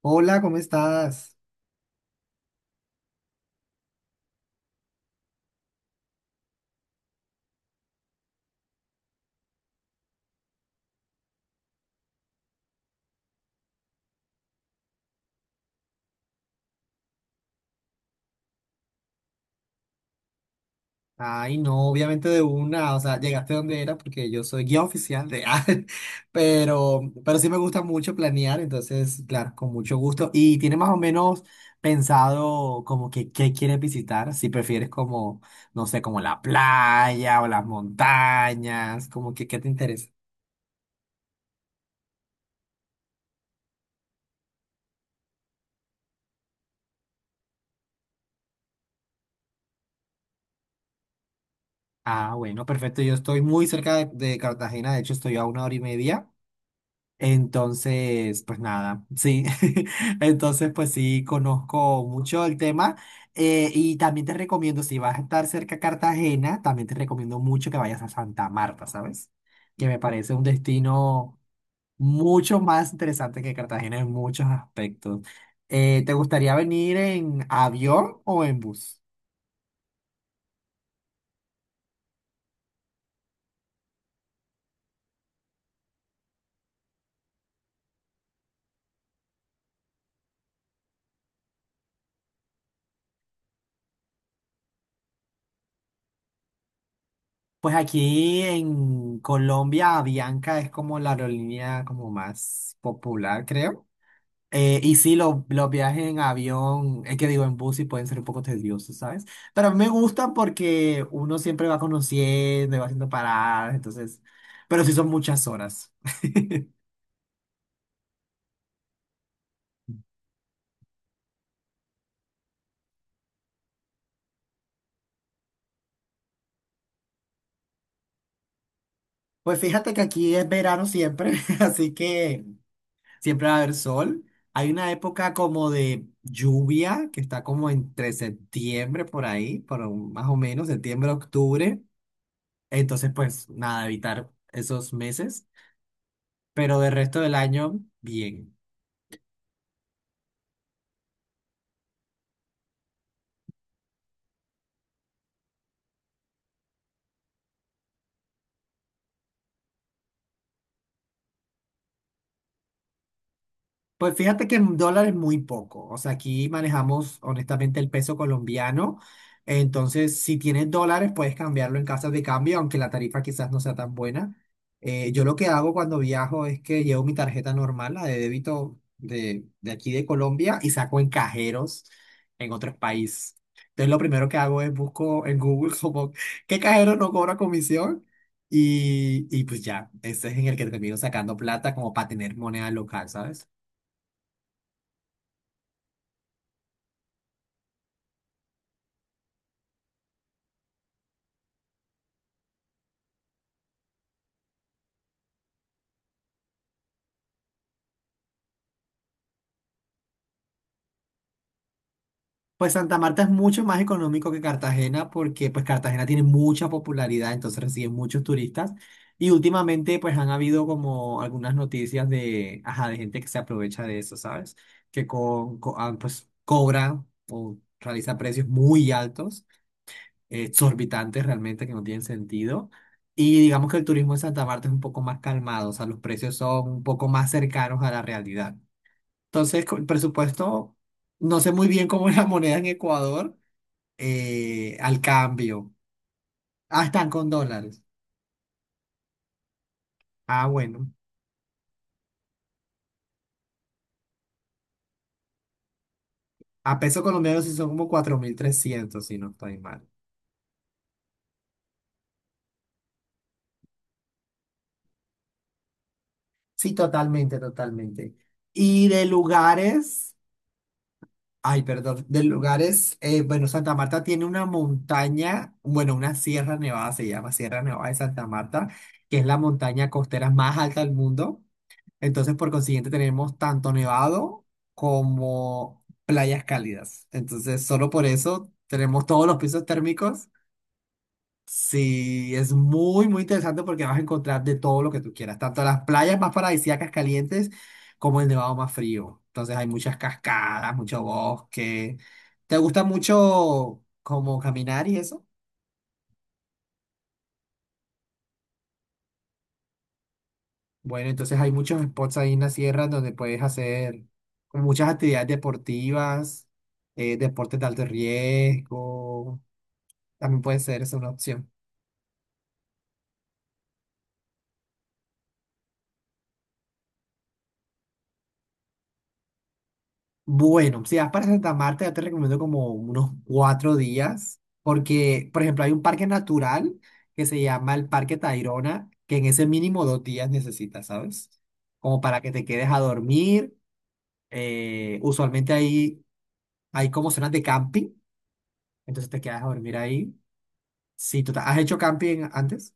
Hola, ¿cómo estás? Ay, no, obviamente de una, o sea, llegaste donde era porque yo soy guía oficial de pero sí me gusta mucho planear, entonces, claro, con mucho gusto. ¿Y tiene más o menos pensado como que qué quieres visitar? Si prefieres como, no sé, como la playa o las montañas, como que qué te interesa. Ah, bueno, perfecto, yo estoy muy cerca de Cartagena, de hecho estoy a una hora y media. Entonces, pues nada, sí. Entonces, pues sí, conozco mucho el tema. Y también te recomiendo, si vas a estar cerca a Cartagena, también te recomiendo mucho que vayas a Santa Marta, ¿sabes? Que me parece un destino mucho más interesante que Cartagena en muchos aspectos. ¿Te gustaría venir en avión o en bus? Pues aquí en Colombia, Avianca es como la aerolínea como más popular, creo. Y sí, los viajes en avión, es que digo en bus y pueden ser un poco tediosos, ¿sabes? Pero a mí me gustan porque uno siempre va conociendo y va haciendo paradas, entonces, pero sí son muchas horas. Pues fíjate que aquí es verano siempre, así que siempre va a haber sol. Hay una época como de lluvia que está como entre septiembre por ahí, más o menos, septiembre, octubre. Entonces, pues nada, evitar esos meses, pero del resto del año, bien. Pues fíjate que en dólares muy poco. O sea, aquí manejamos honestamente el peso colombiano. Entonces, si tienes dólares, puedes cambiarlo en casas de cambio, aunque la tarifa quizás no sea tan buena. Yo lo que hago cuando viajo es que llevo mi tarjeta normal, la de débito de aquí de Colombia, y saco en cajeros en otros países. Entonces, lo primero que hago es busco en Google como qué cajero no cobra comisión. Y pues ya, ese es en el que termino sacando plata como para tener moneda local, ¿sabes? Pues Santa Marta es mucho más económico que Cartagena porque pues Cartagena tiene mucha popularidad, entonces recibe muchos turistas y últimamente pues han habido como algunas noticias de, ajá, de gente que se aprovecha de eso, ¿sabes? Que co- co- ah, Pues cobra o realiza precios muy altos, exorbitantes realmente que no tienen sentido. Y digamos que el turismo en Santa Marta es un poco más calmado, o sea, los precios son un poco más cercanos a la realidad. Entonces, con el presupuesto, no sé muy bien cómo es la moneda en Ecuador al cambio. Ah, están con dólares. Ah, bueno. A peso colombiano sí son como 4.300 si no estoy mal. Sí, totalmente, totalmente. Y de lugares, ay, perdón, de lugares, bueno, Santa Marta tiene una montaña, bueno, una Sierra Nevada se llama, Sierra Nevada de Santa Marta, que es la montaña costera más alta del mundo. Entonces, por consiguiente, tenemos tanto nevado como playas cálidas. Entonces, solo por eso tenemos todos los pisos térmicos. Sí, es muy, muy interesante porque vas a encontrar de todo lo que tú quieras, tanto las playas más paradisíacas calientes como el nevado más frío. Entonces, hay muchas cascadas, mucho bosque. ¿Te gusta mucho como caminar y eso? Bueno, entonces hay muchos spots ahí en la sierra donde puedes hacer como muchas actividades deportivas, deportes de alto riesgo, también puede ser esa una opción. Bueno, si vas para Santa Marta, yo te recomiendo como unos 4 días, porque, por ejemplo, hay un parque natural que se llama el Parque Tayrona, que en ese mínimo 2 días necesitas, ¿sabes? Como para que te quedes a dormir. Usualmente ahí hay como zonas de camping, entonces te quedas a dormir ahí. Sí, total. ¿Has hecho camping antes?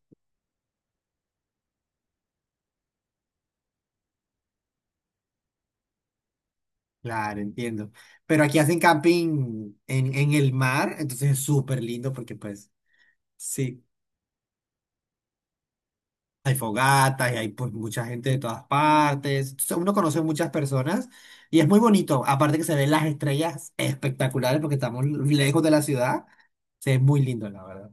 Claro, entiendo. Pero aquí hacen camping en el mar, entonces es súper lindo porque pues sí, hay fogatas y hay pues mucha gente de todas partes. Entonces, uno conoce muchas personas y es muy bonito. Aparte que se ven las estrellas espectaculares porque estamos lejos de la ciudad, se ve muy lindo, la verdad.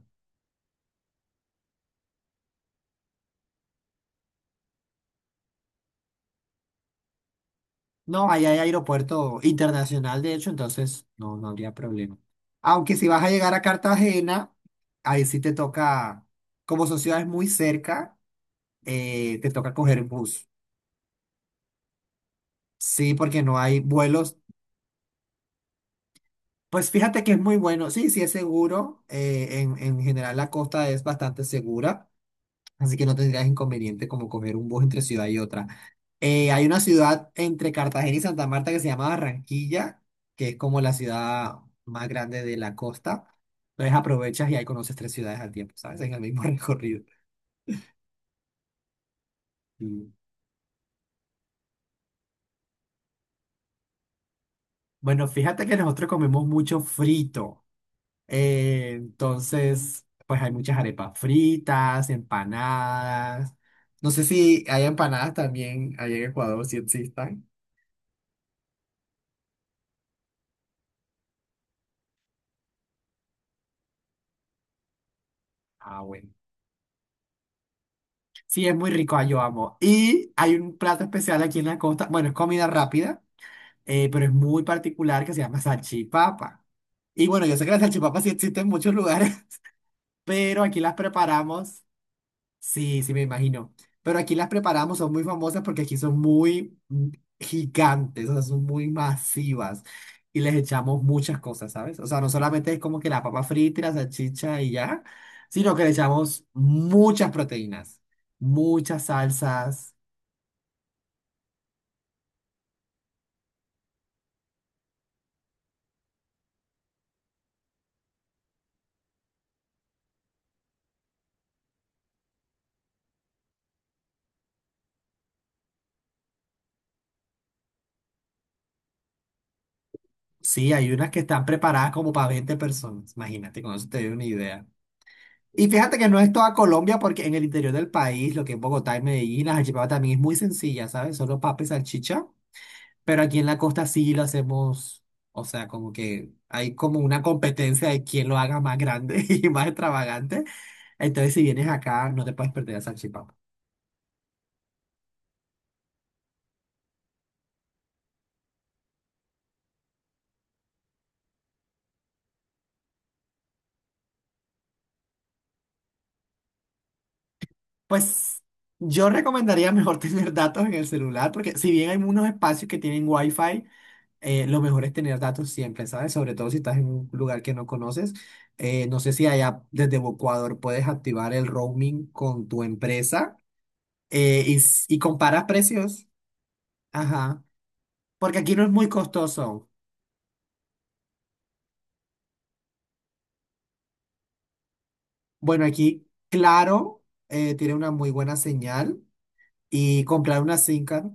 No, ahí hay aeropuerto internacional, de hecho, entonces no, no habría problema. Aunque si vas a llegar a Cartagena, ahí sí te toca, como son ciudades muy cerca, te toca coger bus. Sí, porque no hay vuelos. Pues fíjate que es muy bueno. Sí, sí es seguro. En general la costa es bastante segura. Así que no tendrías inconveniente como coger un bus entre ciudad y otra. Hay una ciudad entre Cartagena y Santa Marta que se llama Barranquilla, que es como la ciudad más grande de la costa. Entonces aprovechas y ahí conoces tres ciudades al tiempo, ¿sabes? En el mismo recorrido. Y, bueno, fíjate que nosotros comemos mucho frito. Entonces, pues hay muchas arepas fritas, empanadas. No sé si hay empanadas también allá en Ecuador, si existan. Ah, bueno. Sí, es muy rico, ah, yo amo. Y hay un plato especial aquí en la costa, bueno, es comida rápida, pero es muy particular que se llama salchipapa. Y bueno, yo sé que las salchipapas sí existen en muchos lugares, pero aquí las preparamos. Sí, sí, me imagino. Pero aquí las preparamos, son muy famosas porque aquí son muy gigantes, o sea, son muy masivas y les echamos muchas cosas, ¿sabes? O sea, no solamente es como que la papa frita y la salchicha y ya, sino que le echamos muchas proteínas, muchas salsas. Sí, hay unas que están preparadas como para 20 personas, imagínate, con eso te doy una idea. Y fíjate que no es toda Colombia, porque en el interior del país, lo que es Bogotá y Medellín, la salchipapa también es muy sencilla, ¿sabes? Solo papa y salchicha. Pero aquí en la costa sí lo hacemos, o sea, como que hay como una competencia de quién lo haga más grande y más extravagante. Entonces, si vienes acá, no te puedes perder la salchipapa. Pues yo recomendaría mejor tener datos en el celular, porque si bien hay unos espacios que tienen wifi, lo mejor es tener datos siempre, ¿sabes? Sobre todo si estás en un lugar que no conoces. No sé si allá desde Ecuador puedes activar el roaming con tu empresa y comparas precios. Ajá. Porque aquí no es muy costoso. Bueno, aquí, claro, tiene una muy buena señal y comprar una SIM card.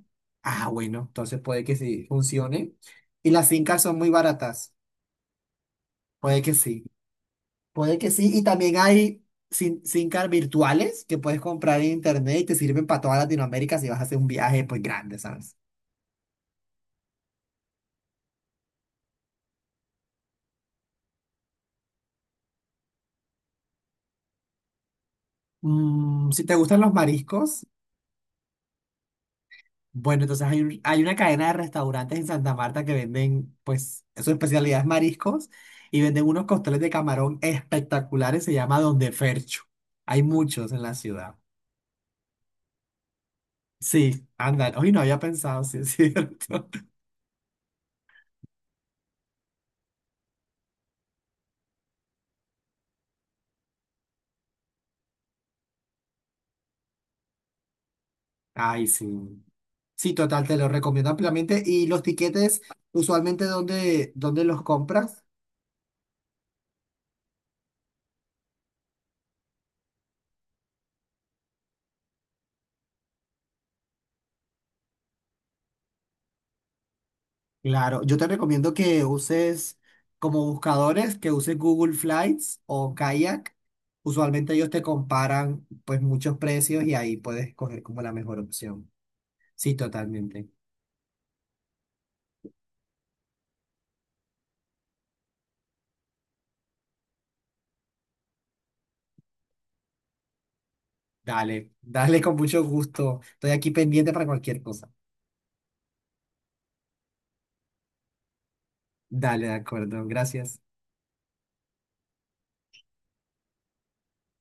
Ah, bueno, entonces puede que sí funcione. Y las SIM cards son muy baratas. Puede que sí. Puede que sí. Y también hay SIM card virtuales que puedes comprar en internet y te sirven para toda Latinoamérica si vas a hacer un viaje pues grande, ¿sabes? Mm, si te gustan los mariscos. Bueno, entonces hay una cadena de restaurantes en Santa Marta que venden, pues, su especialidad es mariscos y venden unos costeles de camarón espectaculares, se llama Don de Fercho. Hay muchos en la ciudad. Sí, andan. Hoy no había pensado, sí, es cierto. Ay, sí. Sí, total, te lo recomiendo ampliamente. ¿Y los tiquetes, usualmente, dónde, dónde los compras? Claro, yo te recomiendo que uses como buscadores, que uses Google Flights o Kayak. Usualmente ellos te comparan pues muchos precios y ahí puedes escoger como la mejor opción. Sí, totalmente. Dale, dale con mucho gusto. Estoy aquí pendiente para cualquier cosa. Dale, de acuerdo. Gracias.